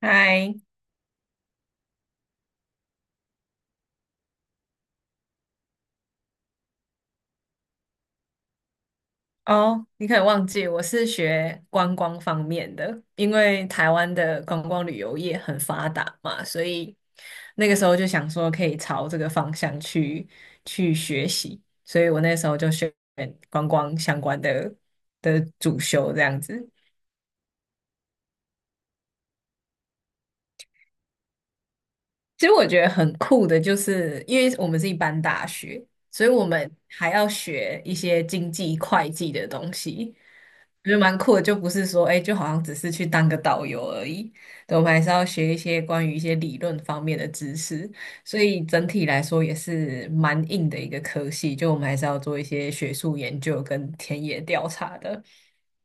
嗨，哦，你可能忘记我是学观光方面的，因为台湾的观光旅游业很发达嘛，所以那个时候就想说可以朝这个方向去学习，所以我那时候就选观光相关的主修这样子。其实我觉得很酷的，就是因为我们是一般大学，所以我们还要学一些经济会计的东西。我觉得蛮酷的，就不是说，哎，就好像只是去当个导游而已。对，我们还是要学一些关于一些理论方面的知识，所以整体来说也是蛮硬的一个科系。就我们还是要做一些学术研究跟田野调查的。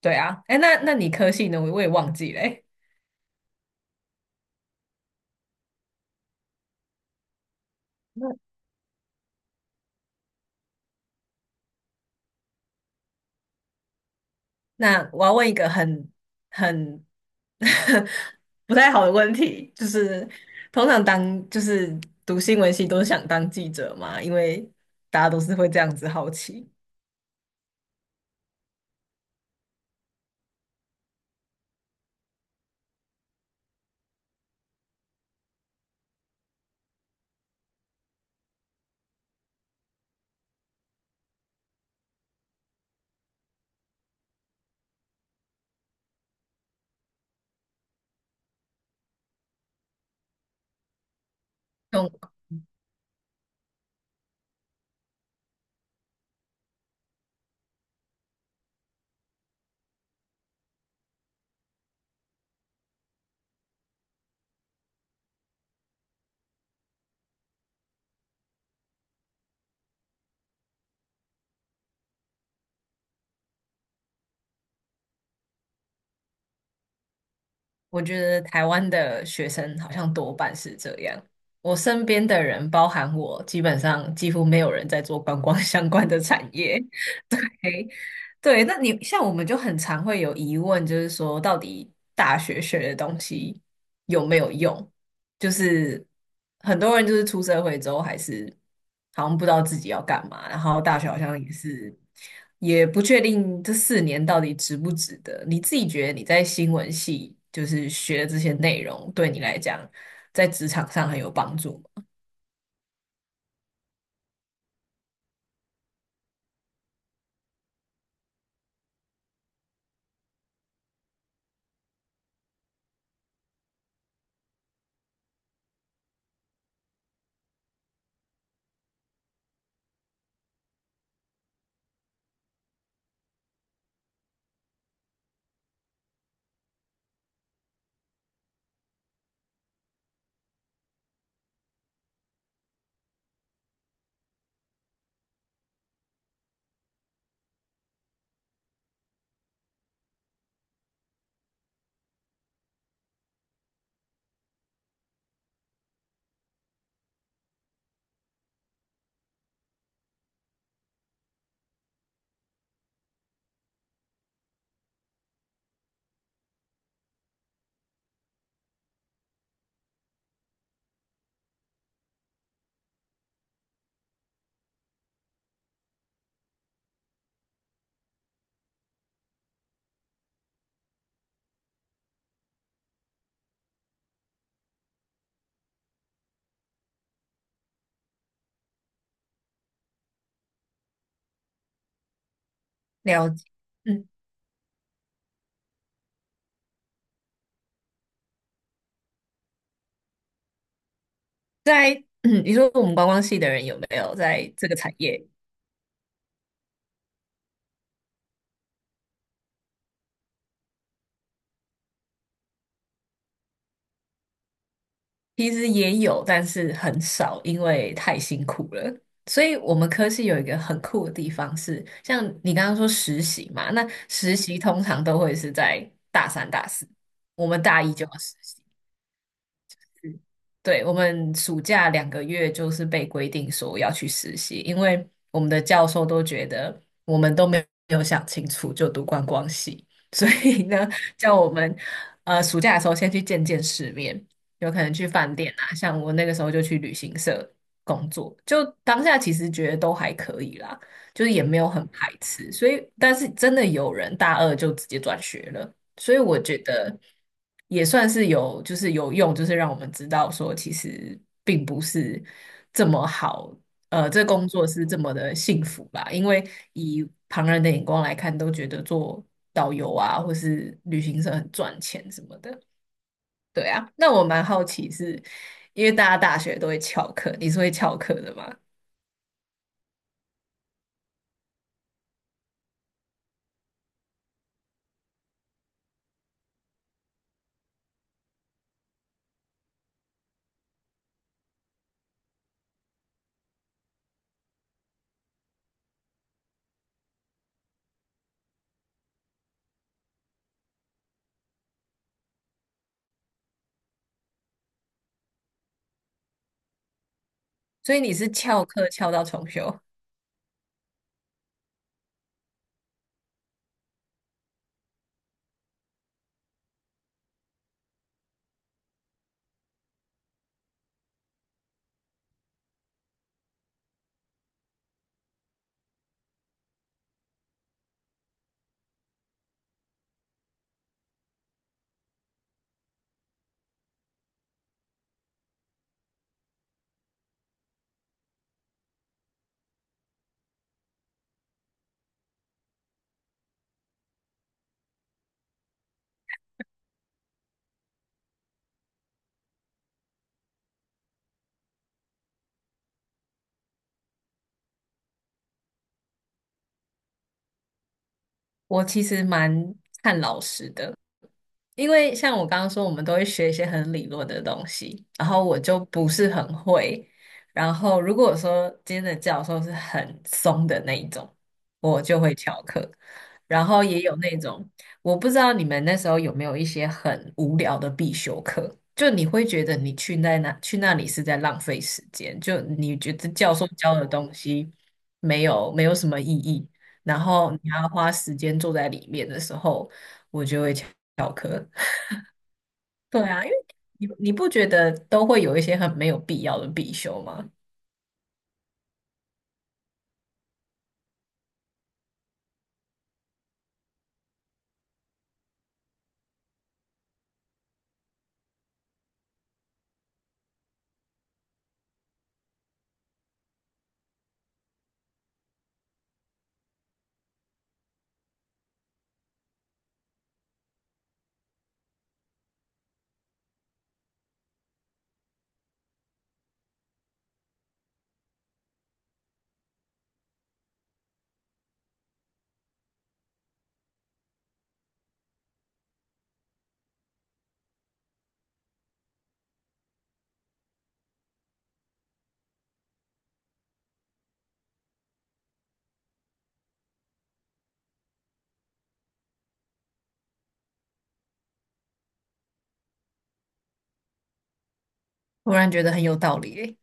对啊，哎，那你科系呢？我也忘记了欸。那我要问一个很 不太好的问题，就是通常当就是读新闻系都是想当记者嘛，因为大家都是会这样子好奇。嗯，我觉得台湾的学生好像多半是这样。我身边的人，包含我，基本上几乎没有人在做观光相关的产业。诶，对，那你像我们就很常会有疑问，就是说到底大学学的东西有没有用？就是很多人就是出社会之后还是好像不知道自己要干嘛，然后大学好像也是也不确定这四年到底值不值得。你自己觉得你在新闻系就是学的这些内容，对你来讲在职场上很有帮助吗？了解，嗯，在 你说我们观光系的人有没有在这个产业？其实也有，但是很少，因为太辛苦了。所以我们科系有一个很酷的地方是，像你刚刚说实习嘛，那实习通常都会是在大三、大四，我们大一就要实习。对，我们暑假两个月就是被规定说要去实习，因为我们的教授都觉得我们都没有想清楚就读观光系，所以呢，叫我们暑假的时候先去见见世面，有可能去饭店啊，像我那个时候就去旅行社工作，就当下其实觉得都还可以啦，就是也没有很排斥，所以但是真的有人大二就直接转学了。所以我觉得也算是有，就是有用，就是让我们知道说，其实并不是这么好，呃，这工作是这么的幸福吧？因为以旁人的眼光来看，都觉得做导游啊，或是旅行社很赚钱什么的。对啊，那我蛮好奇是，因为大家大学都会翘课，你是会翘课的吗？所以你是翘课翘到重修？我其实蛮看老师的，因为像我刚刚说，我们都会学一些很理论的东西，然后我就不是很会。然后如果说今天的教授是很松的那一种，我就会翘课。然后也有那种，我不知道你们那时候有没有一些很无聊的必修课，就你会觉得你去那去那里是在浪费时间，就你觉得教授教的东西没有什么意义，然后你还要花时间坐在里面的时候，我就会翘课。对啊，因为你不觉得都会有一些很没有必要的必修吗？突然觉得很有道理诶，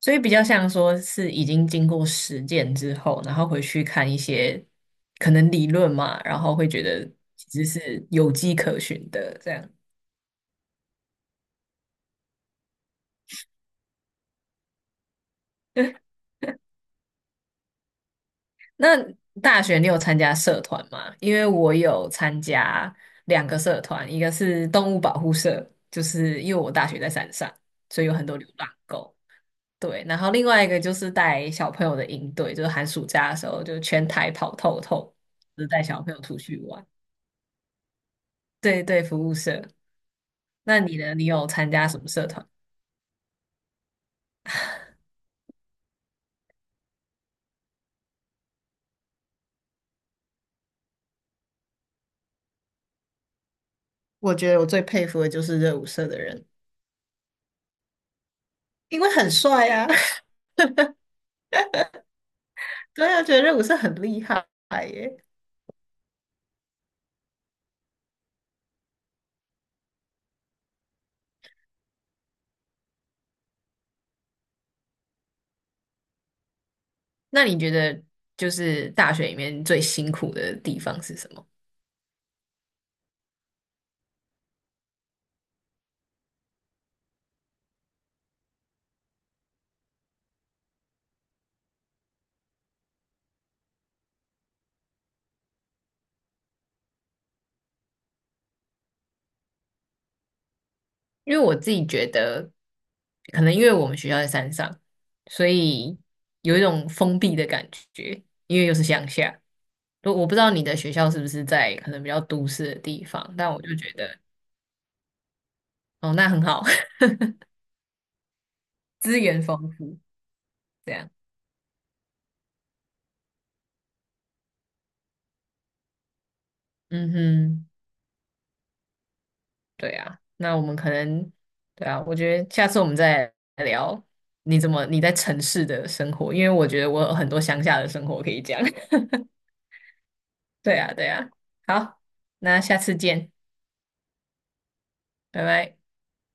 所以比较像说是已经经过实践之后，然后回去看一些可能理论嘛，然后会觉得其实是有迹可循的这样。那大学你有参加社团吗？因为我有参加两个社团，一个是动物保护社，就是因为我大学在山上，所以有很多流浪狗。对，然后另外一个就是带小朋友的营队，就是寒暑假的时候就全台跑透透，就是带小朋友出去玩。对对，服务社。那你呢？你有参加什么社团？我觉得我最佩服的就是热舞社的人，因为很帅啊。对啊，觉得热舞社很厉害耶。那你觉得就是大学里面最辛苦的地方是什么？因为我自己觉得，可能因为我们学校在山上，所以有一种封闭的感觉，因为又是乡下。我不知道你的学校是不是在可能比较都市的地方，但我就觉得哦，那很好，资源丰富，这样，嗯哼，对啊，那我们可能，对啊，我觉得下次我们再来聊你怎么你在城市的生活，因为我觉得我有很多乡下的生活可以讲，对啊，对啊，好，那下次见，拜拜。